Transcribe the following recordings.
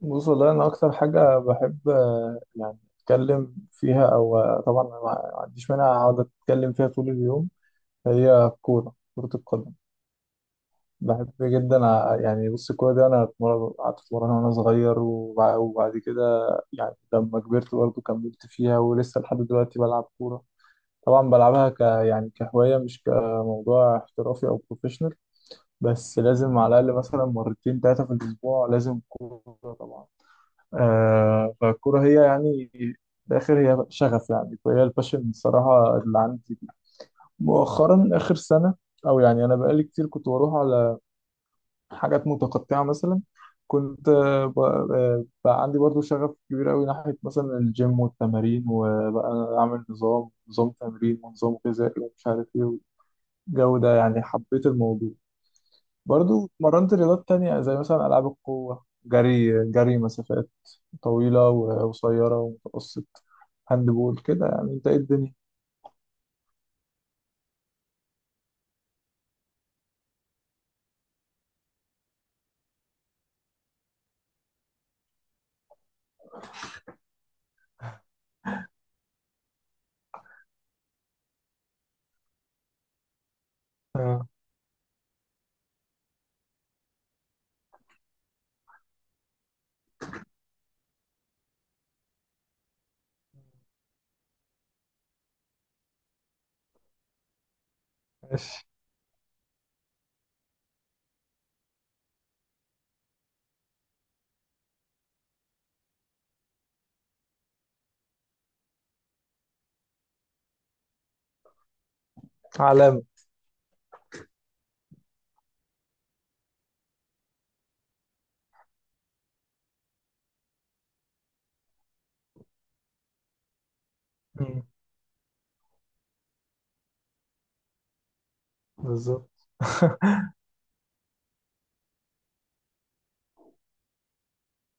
بص، والله أنا أكتر حاجة بحب يعني أتكلم فيها أو طبعا أنا ما عنديش مانع أقعد أتكلم فيها طول اليوم، هي الكورة، كرة القدم. بحب جدا، يعني بص، الكورة دي أنا قعدت أتمرن وأنا صغير، وبعد كده يعني لما كبرت برضه كملت فيها ولسه لحد دلوقتي بلعب كورة. طبعا بلعبها يعني كهواية، مش كموضوع احترافي أو بروفيشنال. بس لازم على الأقل مثلا مرتين تلاتة في الأسبوع لازم كورة طبعا. آه، فالكورة هي يعني في الآخر هي شغف، يعني فهي الباشن بصراحة اللي عندي مؤخرا آخر سنة، أو يعني أنا بقالي كتير كنت بروح على حاجات متقطعة. مثلا كنت بقى عندي برضو شغف كبير أوي ناحية مثلا الجيم والتمارين، وبقى أعمل نظام تمرين ونظام غذائي ومش عارف إيه، والجو ده يعني حبيت الموضوع. برضو مرنت رياضات تانية، زي مثلا ألعاب القوة، جري، جري مسافات طويلة وقصيرة ومتوسط، هاند بول، كده. يعني انت ايه الدنيا؟ اه، ماشي، علامة. مم. بالظبط.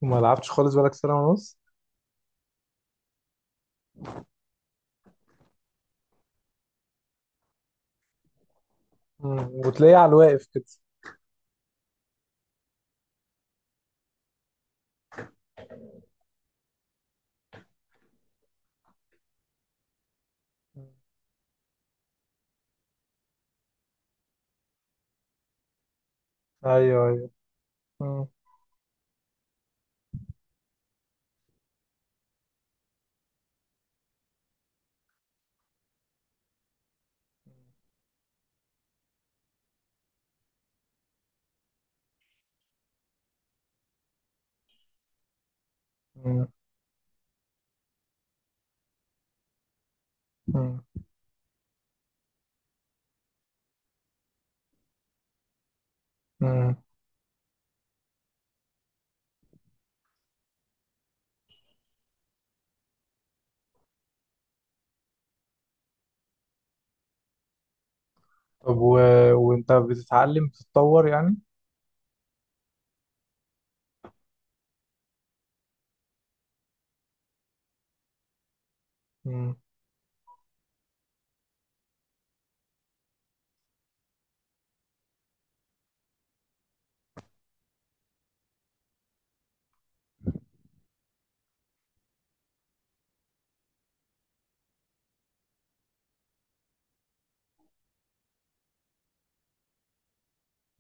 وما لعبتش خالص بقالك سنة ونص؟ مم. وتلاقيه على الواقف كده. مم. ايوه ايوه. مم. مم. مم. مم. طب وانت بتتعلم بتتطور يعني؟ مم.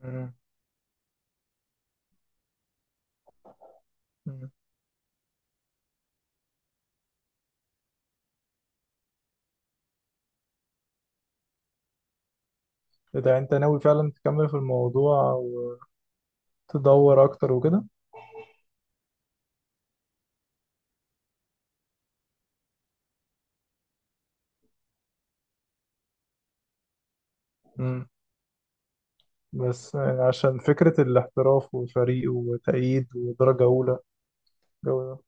مم. مم. اذا انت ناوي فعلا تكمل في الموضوع وتدور اكتر وكده. مم. بس عشان فكرة الاحتراف وفريق وتأييد ودرجة أولى، جو ده.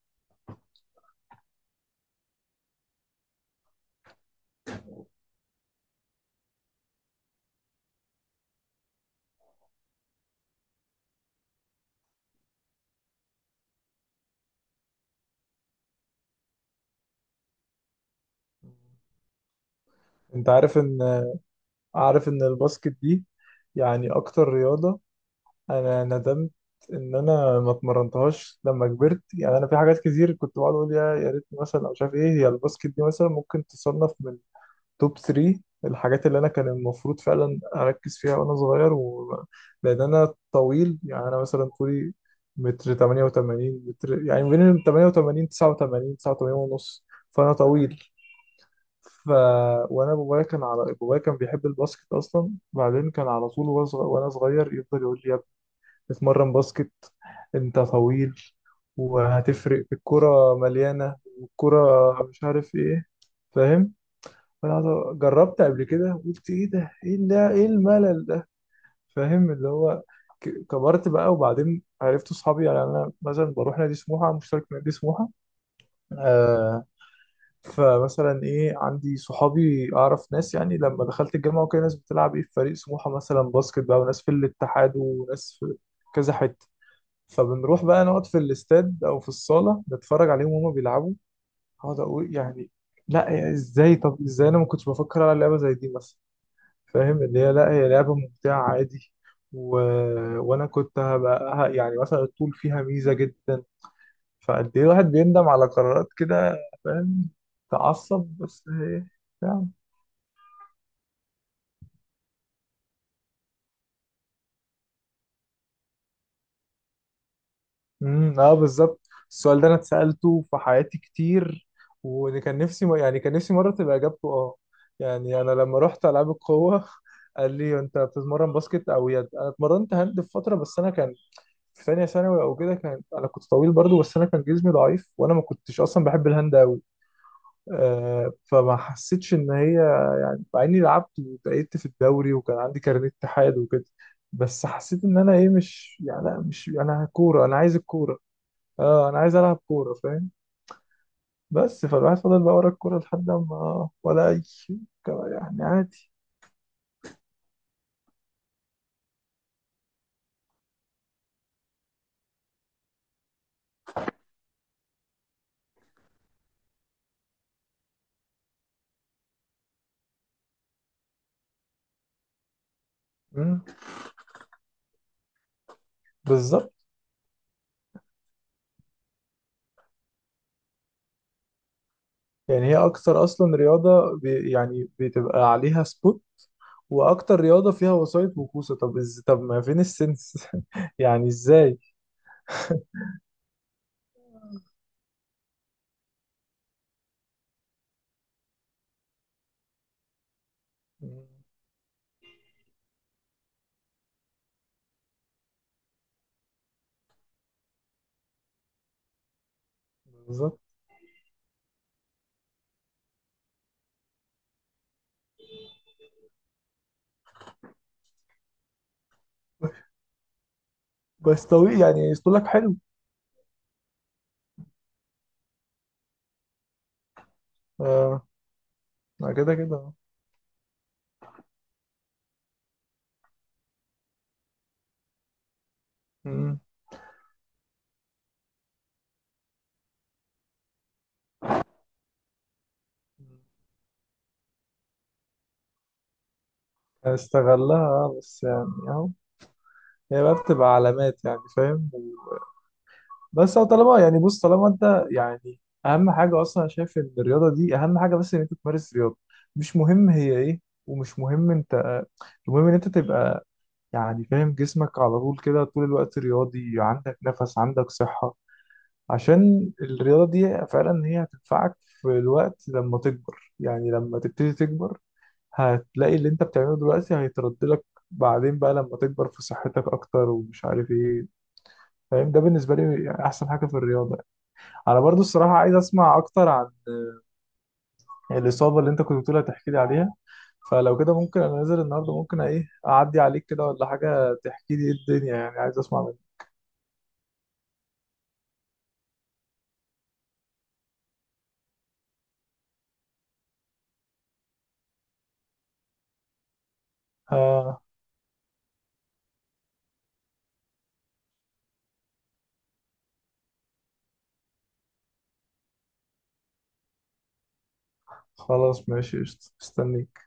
أنت عارف إن الباسكت دي يعني أكتر رياضة أنا ندمت إن أنا ما اتمرنتهاش لما كبرت. يعني أنا في حاجات كتير كنت بقعد أقول، يا ريت مثلا، أو مش عارف إيه. هي الباسكت دي مثلا ممكن تصنف من توب 3 الحاجات اللي انا كان المفروض فعلا اركز فيها وانا صغير، لان انا طويل. يعني انا مثلا طولي متر 88، متر يعني بين ال 88، 89، 89 ونص. فانا طويل، ف وانا بابايا كان بيحب الباسكت اصلا. بعدين كان على طول وانا وأنا صغير يفضل يقول لي، يا ابني اتمرن باسكت، انت طويل، وهتفرق، الكرة مليانة، والكرة مش عارف ايه. فاهم؟ جربت قبل كده قلت، ايه ده، ايه ده، ايه الملل ده. فاهم اللي هو، كبرت بقى، وبعدين عرفت اصحابي. يعني انا مثلا بروح نادي سموحه، مشترك في نادي سموحه. آه. فمثلا ايه، عندي صحابي اعرف ناس، يعني لما دخلت الجامعه وكده، ناس بتلعب ايه، في فريق سموحه مثلا باسكت بقى، وناس في الاتحاد، وناس في كذا حته. فبنروح بقى نقعد في الاستاد او في الصاله نتفرج عليهم وهما بيلعبوا. اقعد اقول يعني، لا يعني، ازاي انا ما كنتش بفكر على لعبه زي دي مثلا؟ فاهم اللي هي لا، هي لعبة ممتعة عادي. و... وانا كنت يعني مثلا، الطول فيها ميزة جدا. فقد ايه، الواحد بيندم على قرارات كده. فاهم؟ تعصب، بس هي يعني. امم، اه بالظبط، السؤال ده انا اتسألته في حياتي كتير، وكان نفسي يعني كان نفسي مرة تبقى اجابته اه. يعني انا لما رحت العاب القوة قال لي، انت بتتمرن باسكت او يد؟ انا اتمرنت هاند في فترة، بس انا كان في ثانيه ثانوي او كده، كان انا كنت طويل برضو، بس انا كان جسمي ضعيف وانا ما كنتش اصلا بحب الهاند قوي. آه، فما حسيتش ان هي، مع اني لعبت وتأيدت في الدوري وكان عندي كارنيه اتحاد وكده. بس حسيت ان انا ايه، مش يعني، لا، مش انا كوره، انا عايز الكوره. اه، انا عايز العب كوره. فاهم؟ بس فالواحد فضل بقى ورا الكوره لحد ما، ولا اي شيء كان يعني عادي. مم. بالظبط. يعني هي اكتر اصلا رياضه يعني بتبقى عليها سبوت، واكتر رياضه فيها وسائط وكوسه. طب طب ما فين السنس يعني ازاي؟ بالظبط. بس طويل، يعني اسطولك حلو. آه، ما كده كده. مم. استغلها، بس يعني اهو، هي بقى بتبقى علامات يعني. فاهم؟ بس هو طالما يعني بص، طالما انت يعني، اهم حاجه اصلا انا شايف ان الرياضه دي، اهم حاجه بس ان انت تمارس رياضه، مش مهم هي ايه، ومش مهم، المهم ان انت تبقى يعني فاهم جسمك على طول كده طول الوقت رياضي، عندك نفس، عندك صحة، عشان الرياضة دي فعلا هي هتنفعك في الوقت لما تكبر، يعني لما تبتدي تكبر هتلاقي اللي انت بتعمله دلوقتي هيترد لك بعدين بقى لما تكبر، في صحتك اكتر ومش عارف ايه. فاهم؟ ده بالنسبة لي يعني احسن حاجة في الرياضة. انا برضو الصراحة عايز اسمع اكتر عن الإصابة اللي انت كنت بتقولها، تحكي لي عليها. فلو كده ممكن انا نازل النهارده، ممكن ايه اعدي عليك كده، ولا حاجة تحكي لي ايه الدنيا، يعني عايز اسمع. آه، خلاص ماشي قشطة. استنيك